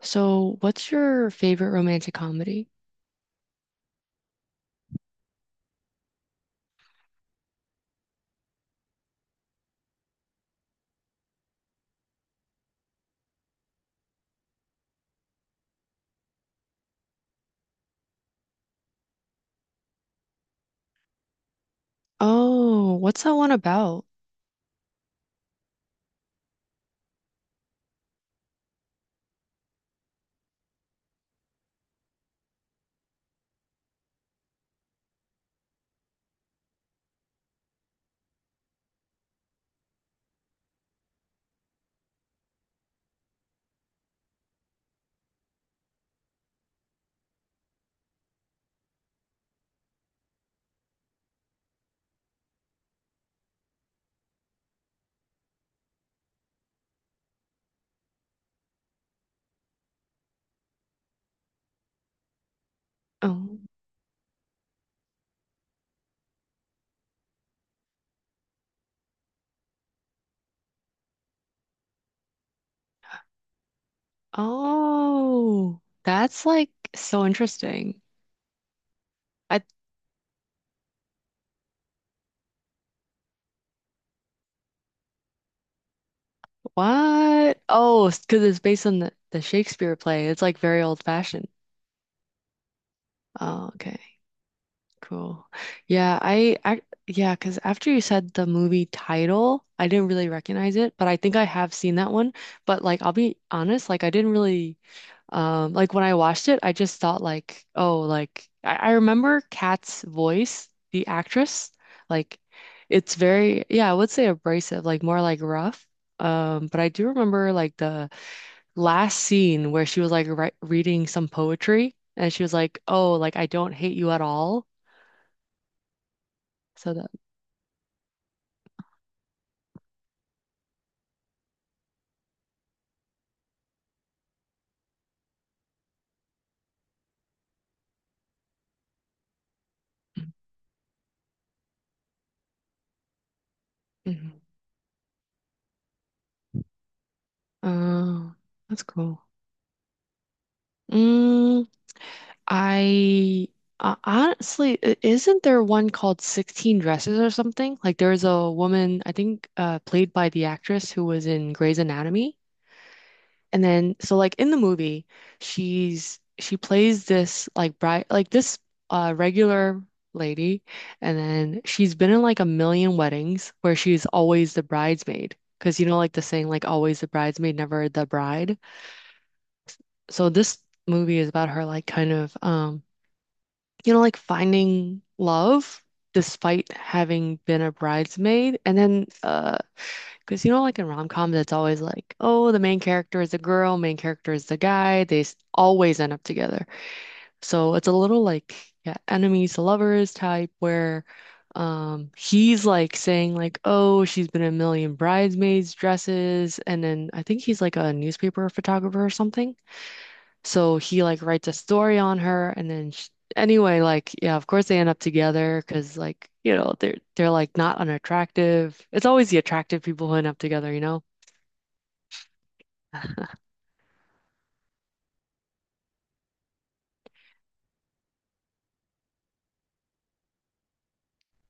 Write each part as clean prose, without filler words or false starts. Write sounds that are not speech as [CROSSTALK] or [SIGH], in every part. So, what's your favorite romantic comedy? Oh, what's that one about? Oh, oh, that's like so interesting. I what? Oh, because it's based on the Shakespeare play. It's like very old fashioned. Oh, okay, cool. Yeah, I yeah, because after you said the movie title, I didn't really recognize it, but I think I have seen that one. But like, I'll be honest, like I didn't really. Like when I watched it, I just thought like, oh, like I remember Kat's voice, the actress, like it's very, yeah, I would say abrasive, like more like rough. But I do remember like the last scene where she was like ri reading some poetry and she was like, oh, like I don't hate you at all. So that, Mhm. Oh, that's cool. Mm, I honestly, isn't there one called 16 Dresses or something? Like there's a woman, I think, played by the actress who was in Grey's Anatomy. And then, so like in the movie, she plays this like bride, like this regular lady, and then she's been in like a million weddings where she's always the bridesmaid. Because you know, like the saying, like always the bridesmaid, never the bride. So this movie is about her, like you know, like finding love despite having been a bridesmaid. And then, because you know, like in rom-coms, it's always like, oh, the main character is a girl, main character is the guy. They always end up together. So it's a little like, yeah, enemies to lovers type where. He's like saying like, oh, she's been in a million bridesmaids dresses, and then I think he's like a newspaper photographer or something. So he like writes a story on her and then sh anyway, like yeah, of course they end up together because like, you know, they're like not unattractive. It's always the attractive people who end up together, you know? [LAUGHS]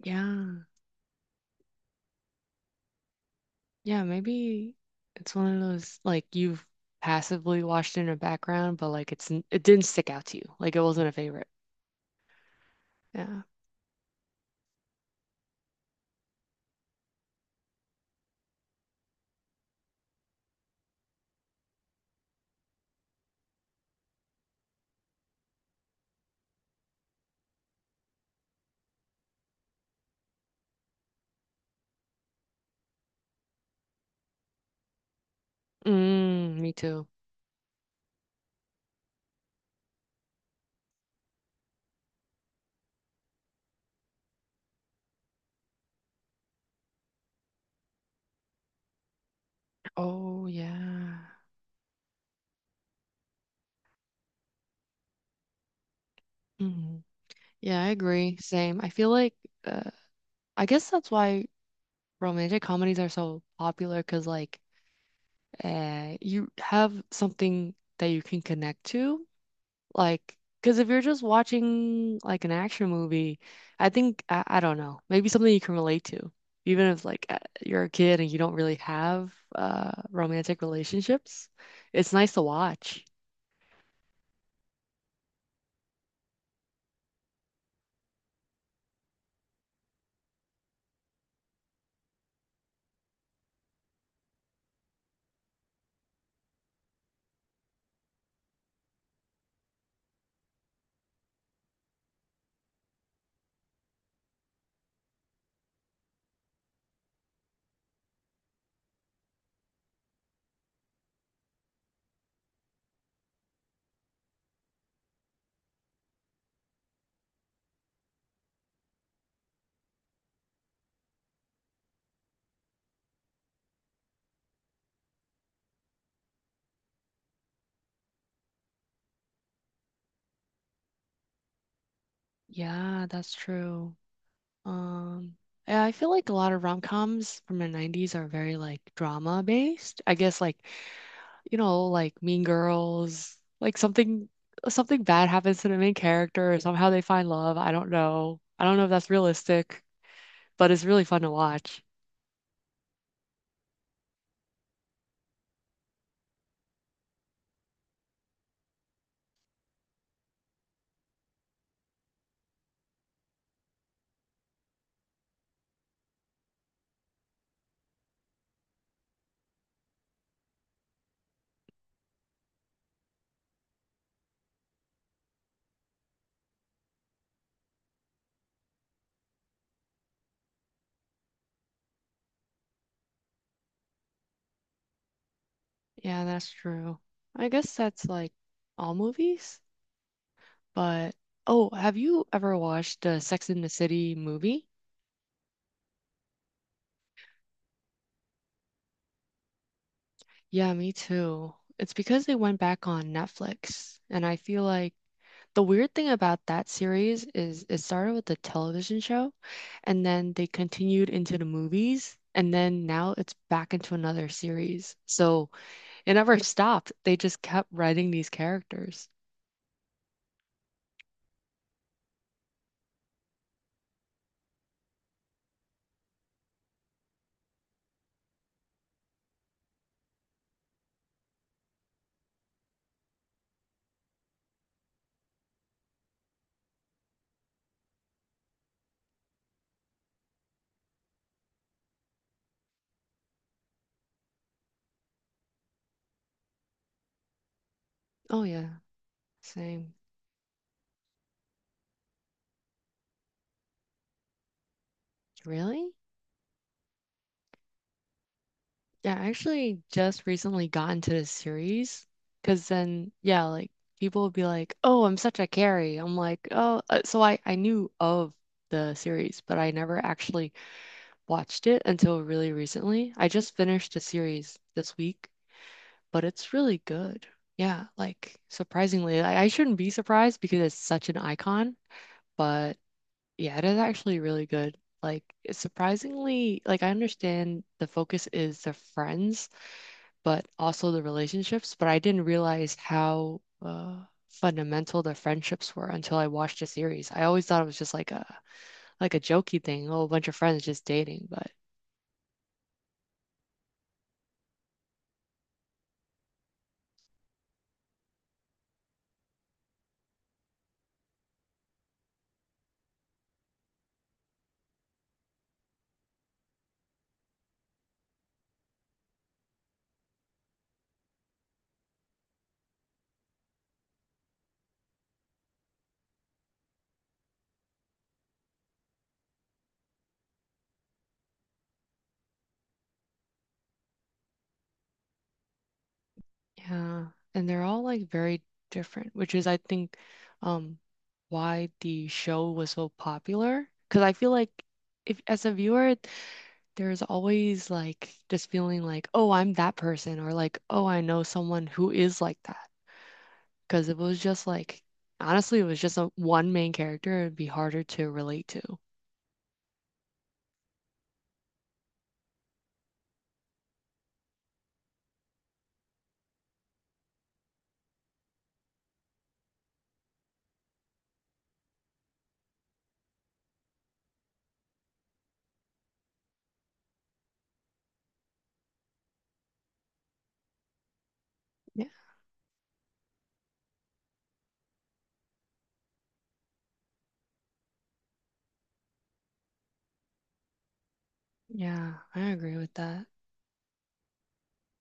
Yeah. Yeah, maybe it's one of those like you've passively watched in the background, but like it's it didn't stick out to you. Like it wasn't a favorite. Yeah. Mm, me too. Oh yeah. Mhm. Yeah, I agree. Same. I feel like uh I guess that's why romantic comedies are so popular because like you have something that you can connect to like because if you're just watching like an action movie I think I don't know, maybe something you can relate to even if like you're a kid and you don't really have romantic relationships, it's nice to watch. Yeah, that's true. um yeah, I feel like a lot of rom-coms from the 90s are very like drama based, I guess, like you know, like Mean Girls, like something bad happens to the main character, or somehow they find love. I don't know. I don't know if that's realistic, but it's really fun to watch. Yeah, that's true. I guess that's like all movies, but oh, have you ever watched the Sex and the City movie? Yeah, me too. It's because they went back on Netflix, and I feel like the weird thing about that series is it started with a television show and then they continued into the movies and then now it's back into another series. So it never stopped. They just kept writing these characters. Oh yeah, same. Really? Yeah, I actually just recently got into the series because then yeah, like people will be like, "Oh, I'm such a carry." I'm like, "Oh, so I knew of the series, but I never actually watched it until really recently. I just finished a series this week, but it's really good. Yeah, like surprisingly, I shouldn't be surprised because it's such an icon, but yeah, it is actually really good. Like it's surprisingly, like I understand the focus is the friends, but also the relationships, but I didn't realize how fundamental the friendships were until I watched the series. I always thought it was just like a jokey thing, oh, a bunch of friends just dating, but yeah, and they're all like very different, which is I think um why the show was so popular. Because I feel like if as a viewer, there's always like just feeling like, oh, I'm that person, or like, oh, I know someone who is like that. Because if it was just like, honestly, it was just a one main character, it'd be harder to relate to. Yeah, yeah, I agree with that.